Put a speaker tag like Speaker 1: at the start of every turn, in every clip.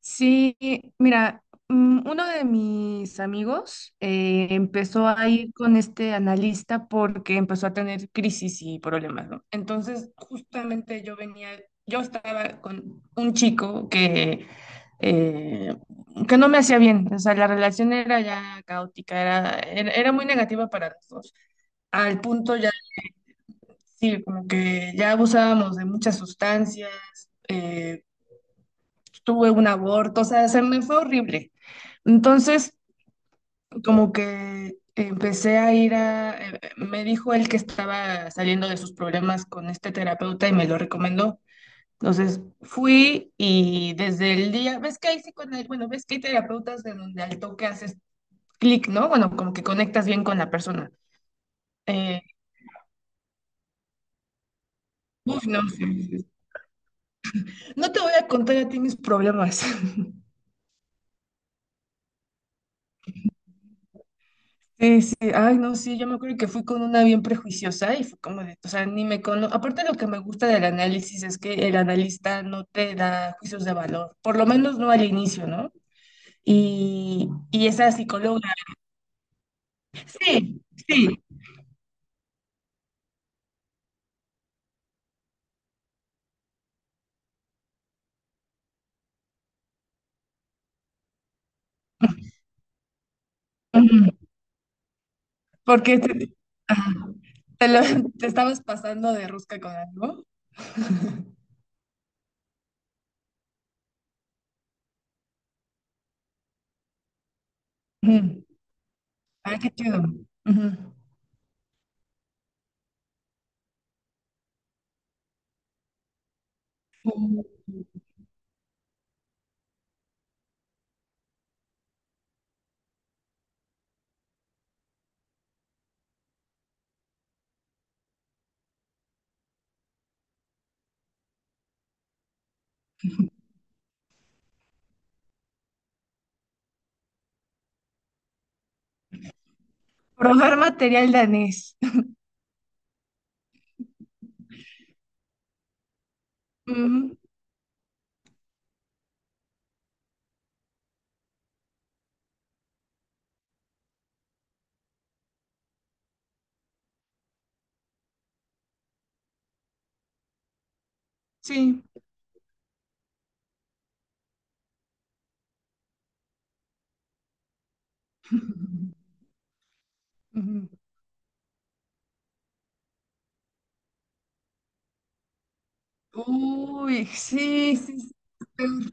Speaker 1: Sí, mira, uno de mis amigos empezó a ir con este analista porque empezó a tener crisis y problemas, ¿no? Entonces, justamente yo estaba con un chico eh, que no me hacía bien, o sea, la relación era ya caótica, era muy negativa para los dos, al punto ya, sí, como que ya abusábamos de muchas sustancias, eh, tuve un aborto, o sea, se me fue horrible. Entonces, como que empecé a ir me dijo él que estaba saliendo de sus problemas con este terapeuta y me lo recomendó. Entonces fui y desde el día, ves que hay bueno, ves que hay terapeutas en donde al toque haces clic, ¿no? Bueno, como que conectas bien con la persona. Eh, Uf, no, sí, sí, sí. No te voy a contar a ti mis problemas. Sí, sí, ay, no, sí, yo me acuerdo que fui con una bien prejuiciosa y fue como de, o sea, ni me cono... aparte lo que me gusta del análisis es que el analista no te da juicios de valor, por lo menos no al inicio, ¿no? Y esa psicóloga, sí, sí, ujú, porque te, ajá, te, lo- te estabas pasando de rosca con algo. Ujú. Ay, qué chido. Ujú. Probar material danés. Ujú. Sí. Ujú. Uy, sí, sí, sí. Súper.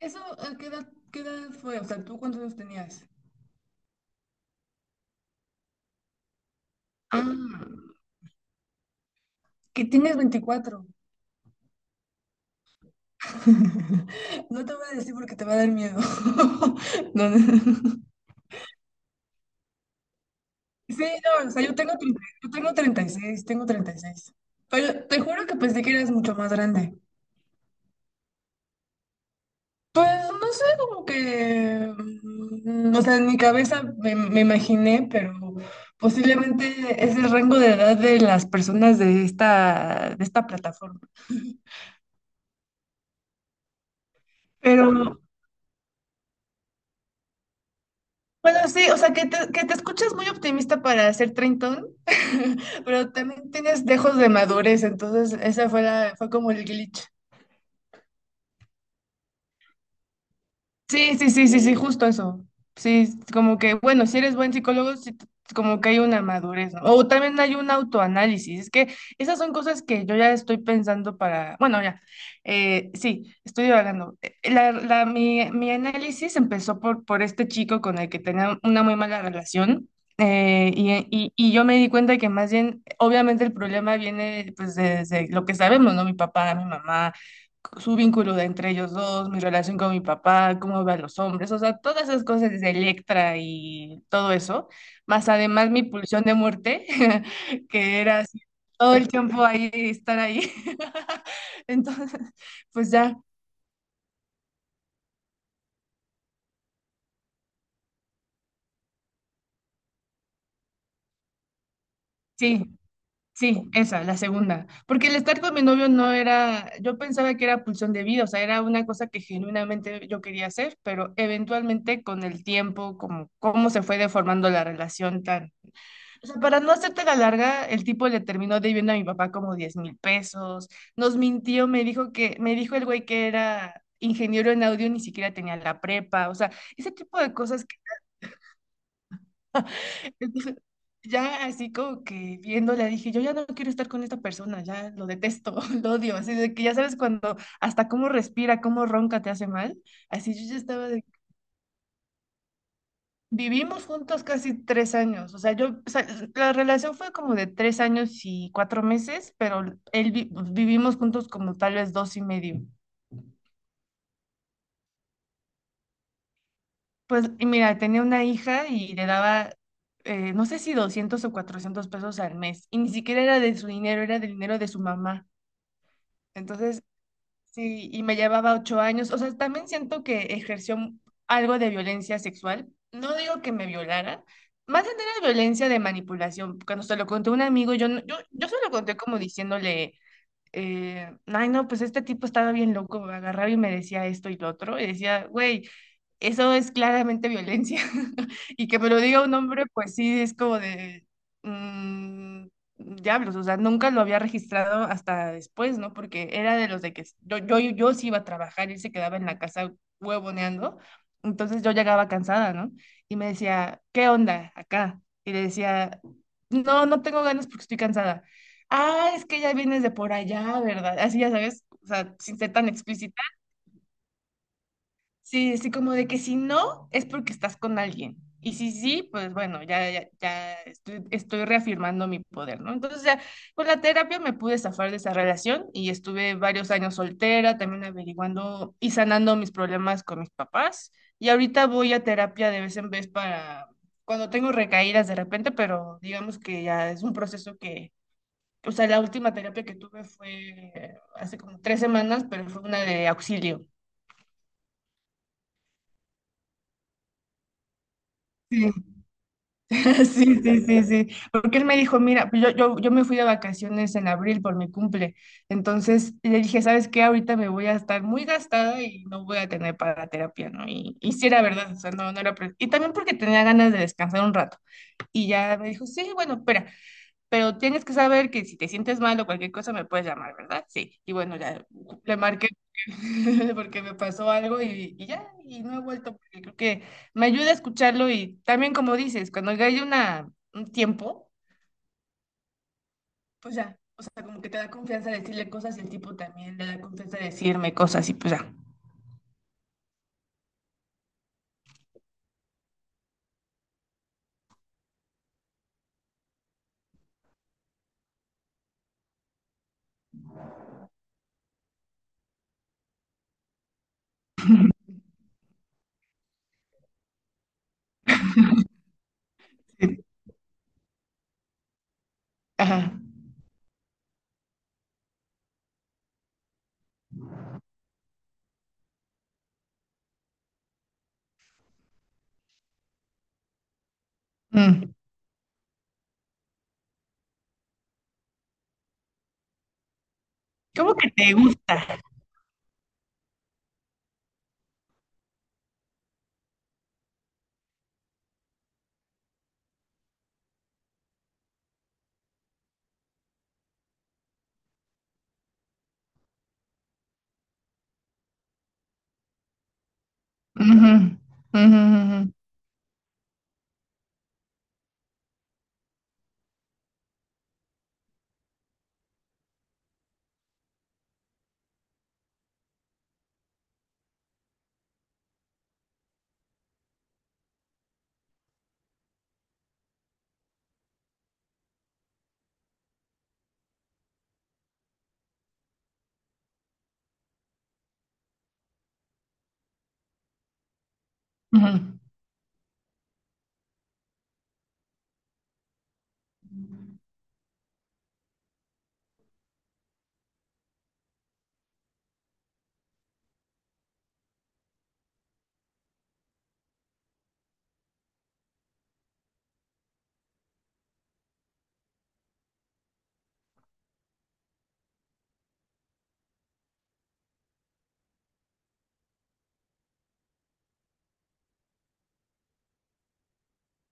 Speaker 1: ¿Eso a qué edad fue? O sea, ¿tú cuántos años tenías? Ah, que tienes 24. No te voy a decir porque te va a dar miedo. No, no. Sí, no, o sea, yo tengo treinta y seis. Pero te juro que pensé que eras mucho más grande. Pues no sé, como que, o sea, en mi cabeza me imaginé, pero posiblemente es el rango de edad de las personas de esta plataforma. Pero bueno, sí, o sea, que te escuchas muy optimista para ser treintón, pero también tienes dejos de madurez, entonces esa fue la, fue como el glitch. Sí, sí, sí, sí, sí, justo eso. Sí, como que, bueno, si eres buen psicólogo, como que hay una madurez, ¿no? O también hay un autoanálisis. Es que esas son cosas que yo ya estoy pensando para, bueno, ya, sí, estoy divagando. Mi análisis empezó por este chico con el que tenía una muy mala relación. Y yo me di cuenta que más bien, obviamente el problema viene pues desde lo que sabemos, ¿no? Mi papá, mi mamá, su vínculo de entre ellos dos, mi relación con mi papá, cómo veo a los hombres, o sea, todas esas cosas de Electra y todo eso, más además mi pulsión de muerte, que era así, todo el tiempo ahí, estar ahí. Entonces, pues ya, sí, sí, esa, la segunda. Porque el estar con mi novio no era, yo pensaba que era pulsión de vida, o sea, era una cosa que genuinamente yo quería hacer, pero eventualmente con el tiempo, como cómo se fue deformando la relación tan. O sea, para no hacerte la larga, el tipo le terminó debiendo a mi papá como 10,000 pesos. Nos mintió, me dijo el güey que era ingeniero en audio, ni siquiera tenía la prepa. O sea, ese tipo de cosas que ya así como que viéndola dije, yo ya no quiero estar con esta persona, ya lo detesto, lo odio. Así de que ya sabes cuando hasta cómo respira, cómo ronca te hace mal. Así yo ya estaba de. Vivimos juntos casi 3 años, o sea, yo, o sea, la relación fue como de 3 años y 4 meses, pero vivimos juntos como tal vez 2 y medio. Pues, y mira, tenía una hija y le daba, no sé si 200 o 400 pesos al mes, y ni siquiera era de su dinero, era del dinero de su mamá. Entonces, sí, y me llevaba 8 años. O sea, también siento que ejerció algo de violencia sexual. No digo que me violaran, más bien era violencia de manipulación. Cuando se lo conté a un amigo, yo, no- yo se lo conté como diciéndole, ay, no, pues este tipo estaba bien loco, agarraba y me decía esto y lo otro. Y decía, güey, eso es claramente violencia. Y que me lo diga un hombre, pues sí, es como de, mm, diablos. O sea, nunca lo había registrado hasta después, ¿no? Porque era de los de que yo sí iba a trabajar, él se quedaba en la casa huevoneando. Entonces yo llegaba cansada, ¿no? Y me decía, ¿qué onda acá? Y le decía, no, no tengo ganas porque estoy cansada. Ah, es que ya vienes de por allá, ¿verdad? Así ya sabes, o sea, sin ser tan explícito. Sí, sí, como de que si no, es porque estás con alguien. Y si sí, pues bueno, ya, ya, ya estoy reafirmando mi poder, ¿no? Entonces, ya, con la terapia me pude zafar de esa relación y estuve varios años soltera, también averiguando y sanando mis problemas con mis papás. Y ahorita voy a terapia de vez en vez para cuando tengo recaídas de repente, pero digamos que ya es un proceso que, o sea, la última terapia que tuve fue hace como 3 semanas, pero fue una de auxilio. Sí, sí, sí, sí. Porque él me dijo, mira, pues yo me fui de vacaciones en abril por mi cumple. Entonces le dije, ¿sabes qué? Ahorita me voy a estar muy gastada y no voy a tener para terapia, ¿no? Y sí era verdad, o sea, no, no era. Y también porque tenía ganas de descansar un rato. Y ya me dijo, sí, bueno, espera, pero tienes que saber que si te sientes mal o cualquier cosa me puedes llamar, ¿verdad? Sí. Y bueno, ya le marqué porque me pasó algo y ya, y no he vuelto porque creo que me ayuda a escucharlo y también como dices, cuando ya hay una, un tiempo, pues ya, o sea, como que te da confianza decirle cosas y el tipo también le da confianza decirme cosas y pues ya. Sí. Ajá. Mm. ¿Cómo que te gusta? Ujú, ujú, ujú, ujú,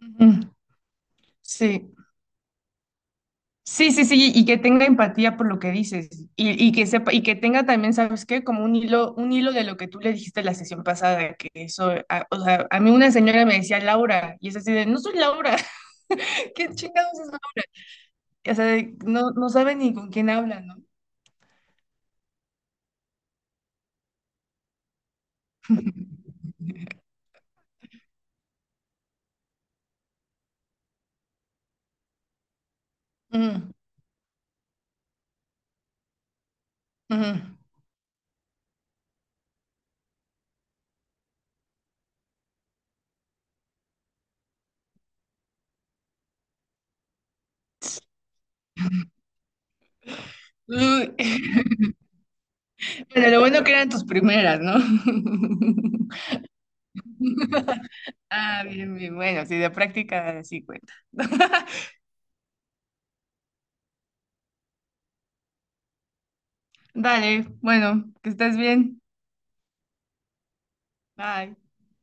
Speaker 1: ujú. Sí. Sí, sí, sí, y que tenga empatía por lo que dices y que sepa y que tenga también, ¿sabes qué? Como un hilo de lo que tú le dijiste la sesión pasada, que eso, o sea, a mí una señora me decía Laura y es así de, no soy Laura, ¿qué chingados es Laura? O sea, no, no sabe ni con quién habla, ¿no? Mm, ujú. Uy, Pero lo bueno que eran tus primeras, ¿no? Ah, bien, bien, bueno, sí, de práctica sí cuenta. Dale, bueno, que estés bien. Bye.